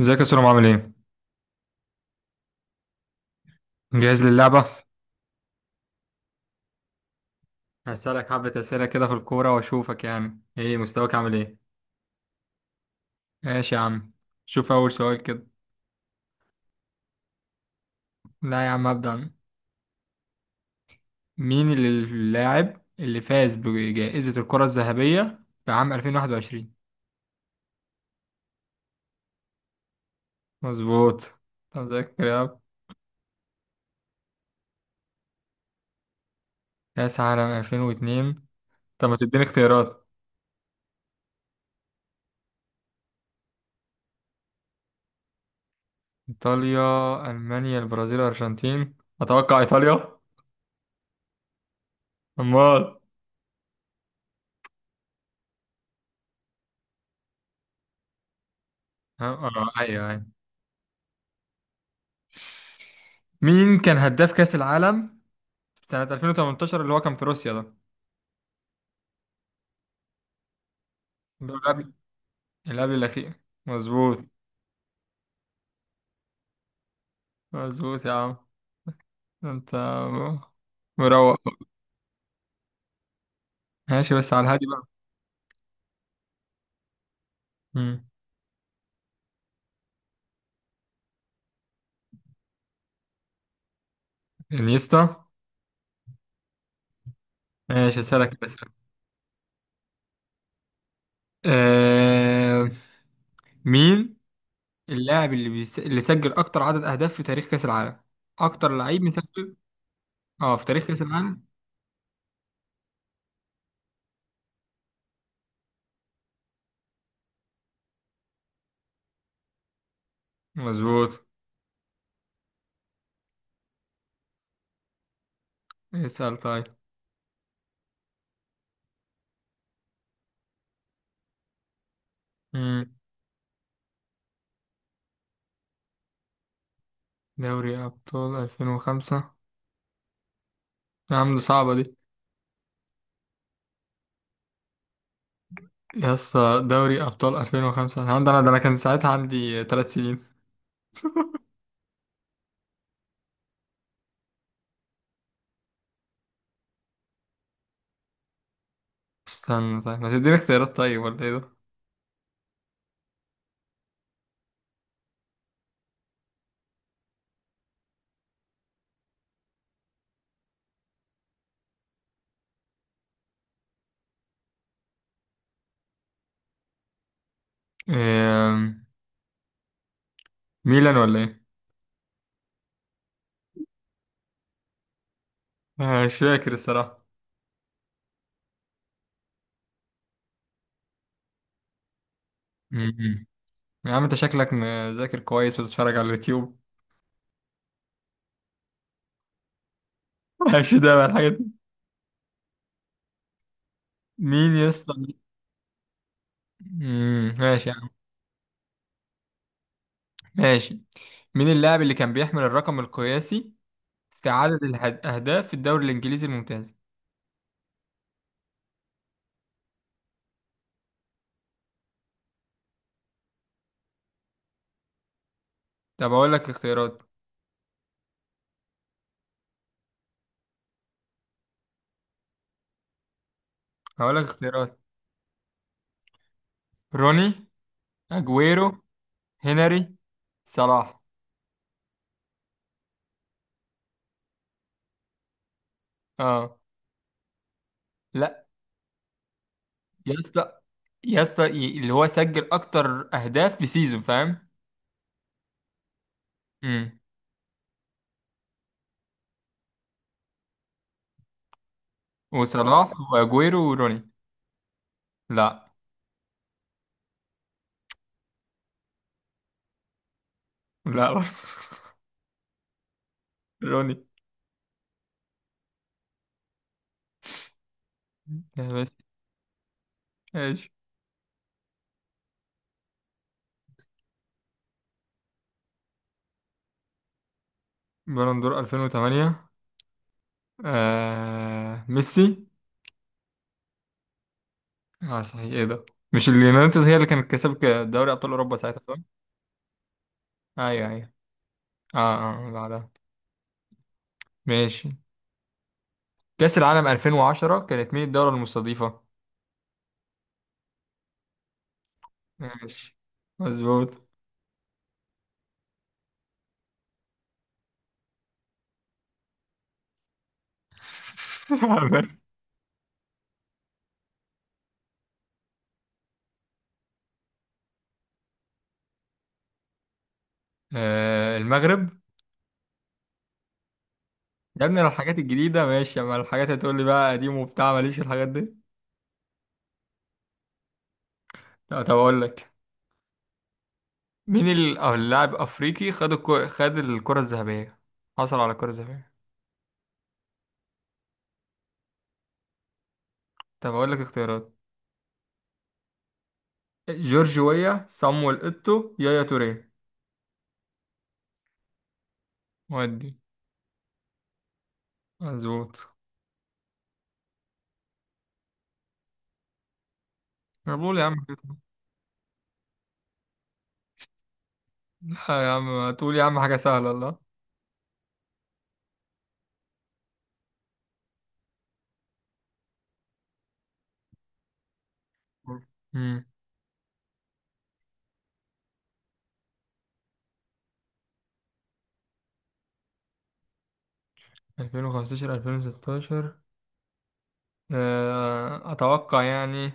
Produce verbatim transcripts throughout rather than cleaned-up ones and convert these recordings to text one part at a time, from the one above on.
ازيك يا سلام؟ عامل ايه؟ جاهز للعبة؟ هسألك حبة أسئلة كده في الكورة وأشوفك يعني ايه مستواك، عامل ايه؟ ماشي يا عم. شوف أول سؤال كده. لا يا عم، أبدأ أنا. مين ال- اللاعب اللي فاز بجائزة الكرة الذهبية في عام ألفين وواحد وعشرين؟ مظبوط. طب مذاكر يا عم. كأس عالم ألفين واثنين. طب ما تديني اختيارات؟ إيطاليا، ألمانيا، البرازيل، الأرجنتين. أتوقع إيطاليا. أمال؟ اه آه، أيوه أيوه. مين كان هداف كأس العالم سنة ألفين وثمانتاشر اللي هو كان في روسيا ده؟ اللي هو قبل، اللي قبل الأخير. مظبوط. مظبوط يا عم. أنت مروق. ماشي بس على الهادي بقى. مم. انيستا. ماشي، أسألك يا باشا. آه... مين اللاعب اللي بيس... اللي سجل أكتر عدد أهداف في تاريخ كأس العالم؟ أكتر لعيب مسجل. أه، في تاريخ كأس العالم. مظبوط. اسأل طيب. مم. دوري أبطال ألفين وخمسة؟ يا عم دي صعبة دي. يا اسطى، دوري ابطال ألفين وخمسة، الحمد لله ده انا كان ساعتها عندي ثلاث سنين. استنى، طيب ما تديني اختيارات طيب ولا ايه ده؟ إيه... ميلان ولا ايه؟ آه، مش فاكر الصراحة. م-م. يا عم انت شكلك مذاكر كويس وتتفرج على اليوتيوب. ماشي، ده بقى الحاجات دي. مين يا اسطى؟ م-م. ماشي يا عم. ماشي. مين اللاعب اللي كان بيحمل الرقم القياسي في عدد الاهداف في الدوري الانجليزي الممتاز؟ طب اقول لك اختيارات. هقول لك اختيارات. روني، اجويرو، هنري، صلاح. اه. لا. يا اسطى، يا اسطى، ي- اللي هو سجل اكتر اهداف في سيزون، فاهم؟ امم. وصلاح واجويرو وروني. لا. لا. روني. ايش؟ بالون دور ألفين وتمانية؟ آه... ميسي. اه صحيح، ايه ده؟ مش اليونايتد هي اللي كانت كسبت دوري ابطال اوروبا ساعتها، صح؟ ايوه ايوه. اه. اه بعدها. ماشي. كأس العالم ألفين وعشرة كانت مين الدولة المستضيفة؟ ماشي. مظبوط. آه، المغرب. يا ابني، لو الحاجات الجديدة ماشي، اما الحاجات هتقول لي بقى قديم وبتاع، ماليش في الحاجات دي. لا، طب اقول لك. مين ال- أو اللاعب افريقي خد الكو... خد الكرة الذهبية، حصل على الكرة الذهبية؟ طب اقول لك اختيارات. جورج ويا، صامويل ايتو، يايا توريه. ودي. مظبوط. انا بقول يا عم كده. لا يا عم، تقول يا عم حاجة سهلة، الله. امم. ألفين وخمسة عشر ألفين وستاشر؟ آه، اتوقع يعني.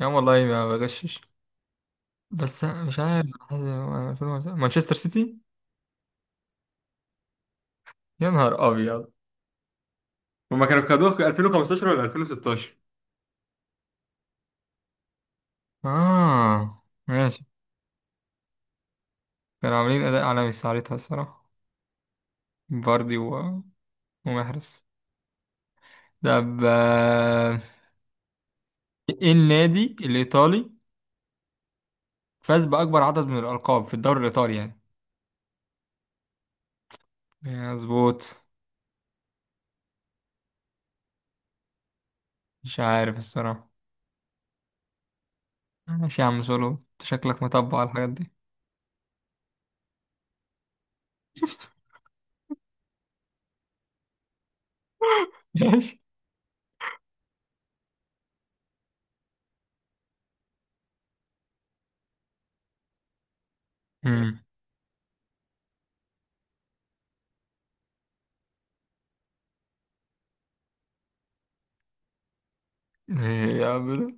يا عم والله ما بغشش، بس مش عارف حاسس- ألفين وخمسة مانشستر سيتي. يا نهار ابيض. هما كانوا خدوه في ألفين وخمستاشر ولا ألفين وستاشر؟ اه، ماشي. كانوا عاملين اداء عالمي ساعتها الصراحه. فاردي و... ومحرز. طب آه، ايه النادي الايطالي فاز باكبر عدد من الالقاب في الدوري الايطالي يعني؟ مظبوط. مش عارف الصراحه. ماشي يا عم سولو، انت شكلك متبع على الحاجات دي. ماشي. امم. ايه يا عم ده؟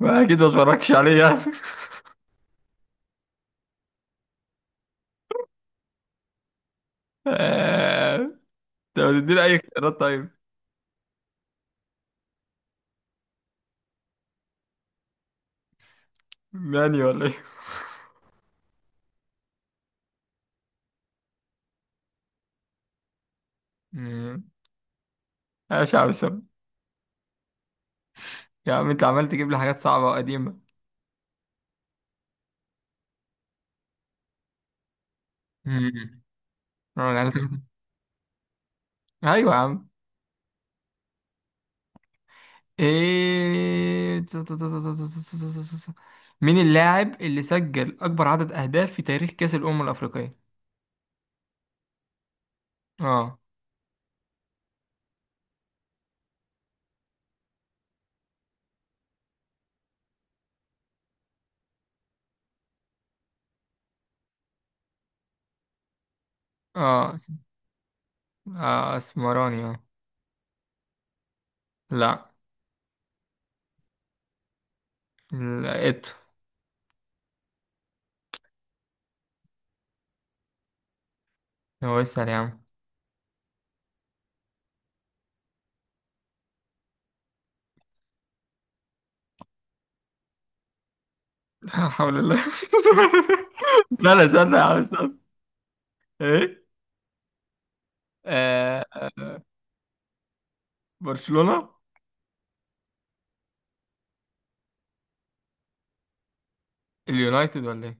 ما اكيد ما اتفرجتش عليه يعني. طب تديني اي اختيارات طيب؟ ماني ولا ايه؟ مم. ماشي يا عم سام. يا عم انت عمال تجيب لي حاجات صعبة وقديمة. مم. اه يعني تاخد- ايوه يا عم. ايه؟ مين اللاعب اللي سجل اكبر عدد اهداف في تاريخ كأس الامم الافريقية؟ اه. اه. اه، اسمراني، اه. لا. لقيته. هو اسأل يا عم. لا حول الله. استنى استنى يا عم استنى. ايه؟ آه آه، برشلونة. اليونايتد ولا ايه؟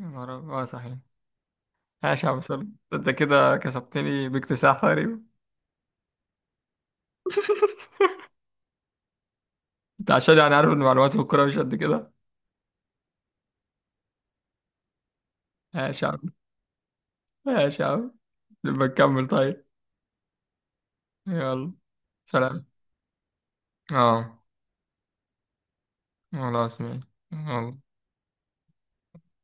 يا نهار أبيض. اه صحيح. ماشي يا عم سلمى، انت كده كسبتني باكتساح تقريبا. انت عشان يعني عارف ان معلومات في الكورة مش قد كده. ماشي يا عم. ماشي يا عم. نبقى نكمل طيب. يلا. سلام. اه. خلاص، ماشي. يلا.